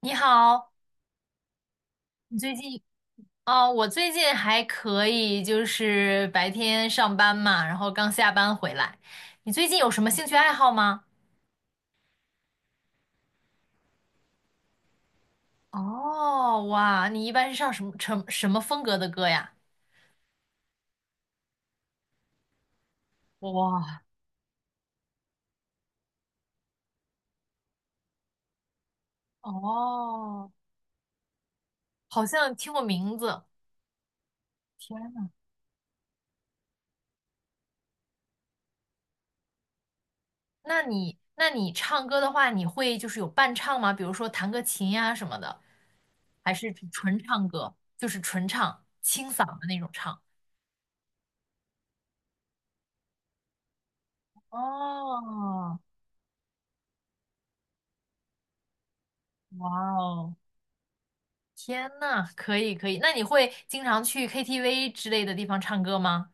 你好，你最近哦，我最近还可以，就是白天上班嘛，然后刚下班回来。你最近有什么兴趣爱好吗？哦，哇，你一般是唱什么什么风格的歌呀？哇，哦，好像听过名字。天呐，那你唱歌的话，你会就是有伴唱吗？比如说弹个琴呀什么的，还是纯唱歌，就是纯唱，清嗓的那种唱？哦，哇哦！天呐，可以可以，那你会经常去 KTV 之类的地方唱歌吗？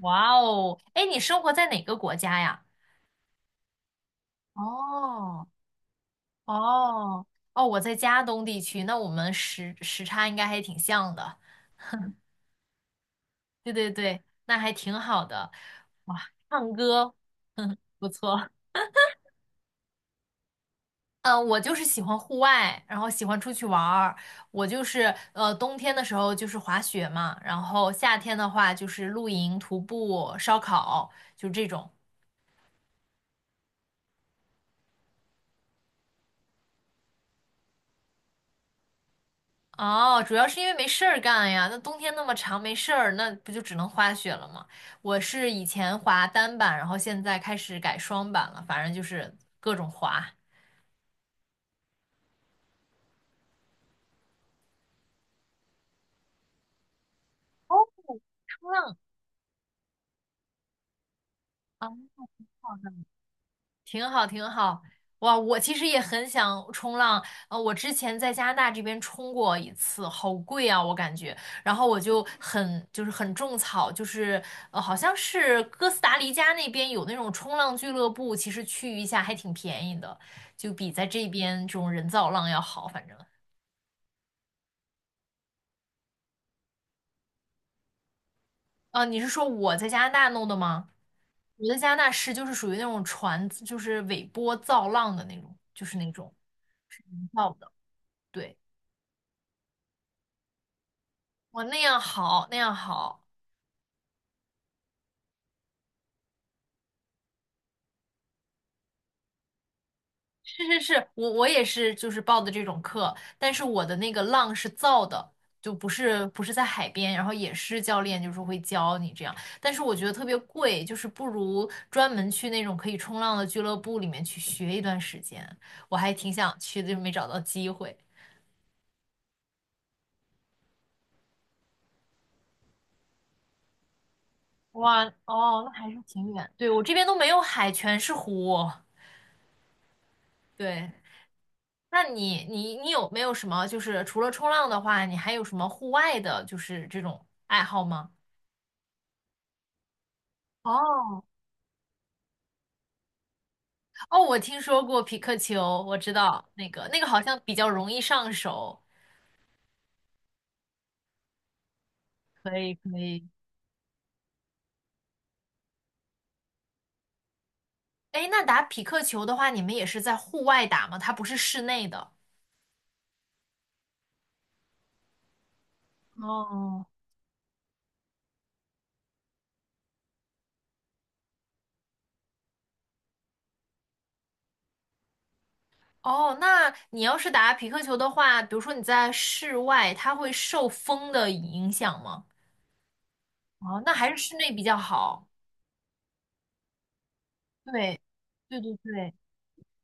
哇哦，哎，你生活在哪个国家呀？哦哦哦，我在加东地区，那我们时差应该还挺像的。对对对，那还挺好的。哇，唱歌，哼，不错。嗯，我就是喜欢户外，然后喜欢出去玩儿。我就是冬天的时候就是滑雪嘛，然后夏天的话就是露营、徒步、烧烤，就这种。哦，主要是因为没事儿干呀。那冬天那么长，没事儿，那不就只能滑雪了吗？我是以前滑单板，然后现在开始改双板了，反正就是各种滑。哦，冲浪挺好，挺好。哇，我其实也很想冲浪。我之前在加拿大这边冲过一次，好贵啊，我感觉。然后我就很种草，就是好像是哥斯达黎加那边有那种冲浪俱乐部，其实去一下还挺便宜的，就比在这边这种人造浪要好。反正啊，你是说我在加拿大弄的吗？我在加拿大是就是属于那种船，就是尾波造浪的那种，就是那种是人造的，对。我那样好，那样好，是是是，我也是，就是报的这种课，但是我的那个浪是造的，就不是在海边，然后也是教练就是会教你这样，但是我觉得特别贵，就是不如专门去那种可以冲浪的俱乐部里面去学一段时间，我还挺想去的，就没找到机会。哇，哦，那还是挺远，对，我这边都没有海，全是湖，对。那你有没有什么就是除了冲浪的话，你还有什么户外的，就是这种爱好吗？哦哦，我听说过匹克球，我知道那个好像比较容易上手。可以可以。哎，那打匹克球的话，你们也是在户外打吗？它不是室内的。哦，哦，那你要是打匹克球的话，比如说你在室外，它会受风的影响吗？哦，那还是室内比较好。对对对对，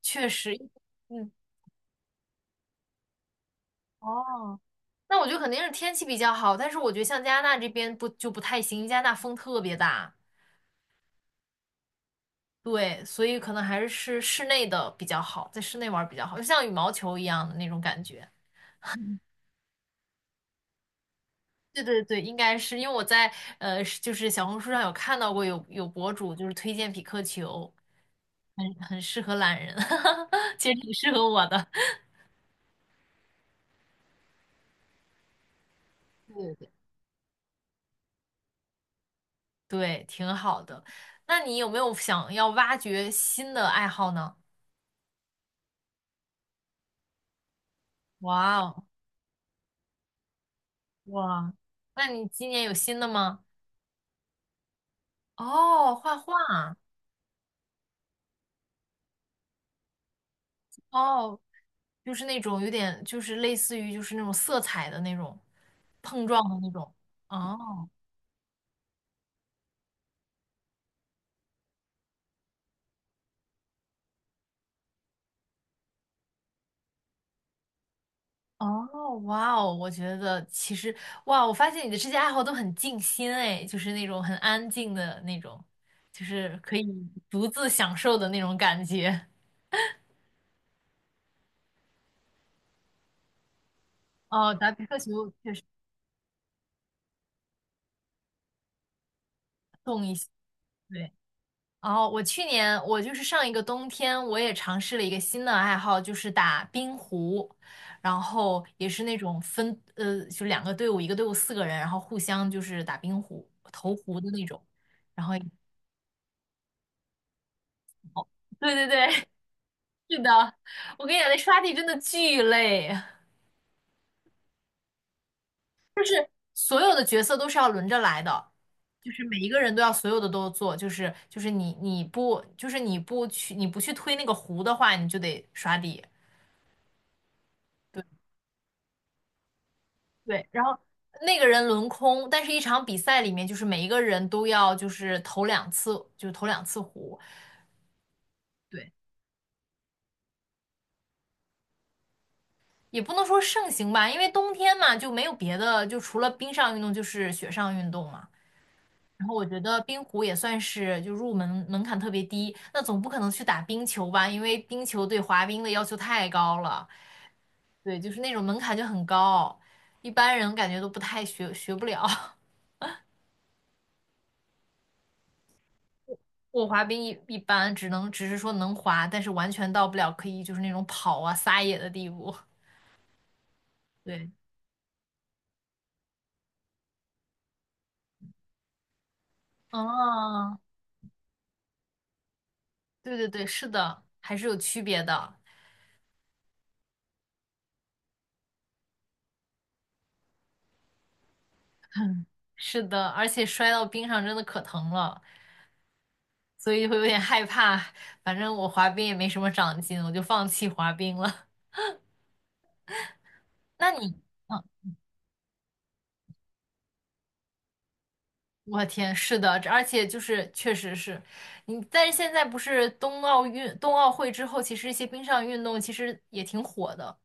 确实，嗯，哦，那我觉得肯定是天气比较好，但是我觉得像加拿大这边不就不太行，加拿大风特别大，对，所以可能还是室内的比较好，在室内玩儿比较好，就像羽毛球一样的那种感觉。对对对，应该是因为我在是就是小红书上有看到过有博主就是推荐匹克球，很适合懒人，其实挺适合我的，对对对。对，挺好的。那你有没有想要挖掘新的爱好呢？哇哦！哇，那你今年有新的吗？哦，画画，哦，就是那种有点，就是类似于就是那种色彩的那种碰撞的那种。哦哦，哇哦，我觉得其实哇，我发现你的这些爱好都很静心哎，就是那种很安静的那种，就是可以独自享受的那种感觉。哦，打匹克球确实动一些，对。哦，我去年我就是上一个冬天，我也尝试了一个新的爱好，就是打冰壶，然后也是那种分就两个队伍，一个队伍四个人，然后互相就是打冰壶投壶的那种，然后对对对，是的，我跟你讲，那刷题真的巨累，所有的角色都是要轮着来的。就是每一个人都要所有的都做，就是就是你你不就是你不去你不去推那个壶的话，你就得刷地。对，然后那个人轮空，但是一场比赛里面，就是每一个人都要就是投两次，就是投两次壶，对，也不能说盛行吧，因为冬天嘛就没有别的，就除了冰上运动就是雪上运动嘛。然后我觉得冰壶也算是就入门门槛特别低，那总不可能去打冰球吧，因为冰球对滑冰的要求太高了，对，就是那种门槛就很高，一般人感觉都不太学不了。我滑冰一般，只是说能滑，但是完全到不了可以就是那种跑啊撒野的地步。对，哦，对对对，是的，还是有区别的。是的，而且摔到冰上真的可疼了，所以会有点害怕。反正我滑冰也没什么长进，我就放弃滑冰了。那你，嗯我天，是的，这而且就是确实是你，但是现在不是冬奥运、冬奥会之后，其实一些冰上运动其实也挺火的，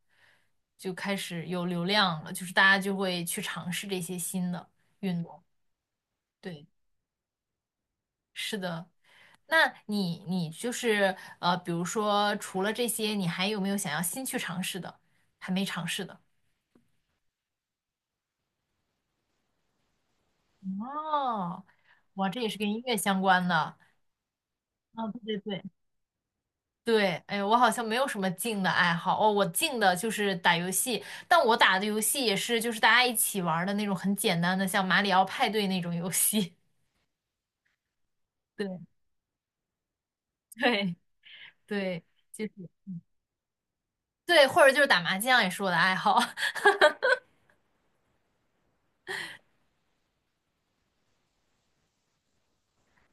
就开始有流量了，就是大家就会去尝试这些新的运动。对，是的。那你就是比如说除了这些，你还有没有想要新去尝试的，还没尝试的？哦，哇，这也是跟音乐相关的。哦，对对对。对，哎呀，我好像没有什么静的爱好哦，我静的就是打游戏，但我打的游戏也是就是大家一起玩儿的那种很简单的，像马里奥派对那种游戏。对对对，就是对，或者就是打麻将也是我的爱好。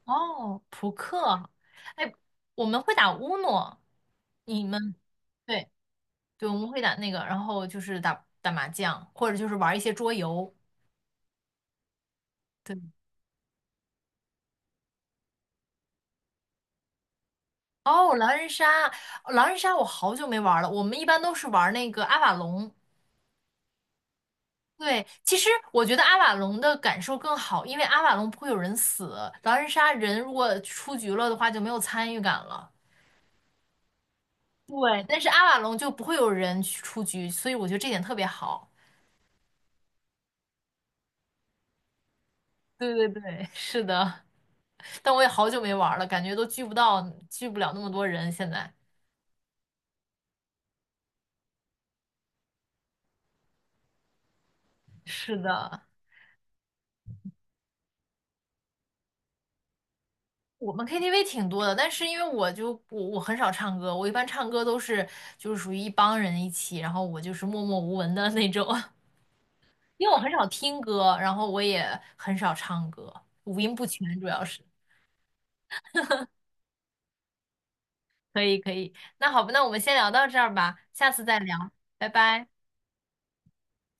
哦，扑克，哎，我们会打乌诺，你们对对，我们会打那个，然后就是打打麻将，或者就是玩一些桌游。对。哦，狼人杀，狼人杀我好久没玩了。我们一般都是玩那个阿瓦隆。对，其实我觉得阿瓦隆的感受更好，因为阿瓦隆不会有人死，狼人杀人如果出局了的话就没有参与感了。对，但是阿瓦隆就不会有人去出局，所以我觉得这点特别好。对对对，是的，但我也好久没玩了，感觉都聚不到，聚不了那么多人现在。是的。我们 KTV 挺多的，但是因为我就我我很少唱歌，我一般唱歌都是就是属于一帮人一起，然后我就是默默无闻的 那种，因为我很少听歌，然后我也很少唱歌，五音不全主要是。可以可以，那好吧，那我们先聊到这儿吧，下次再聊，拜拜。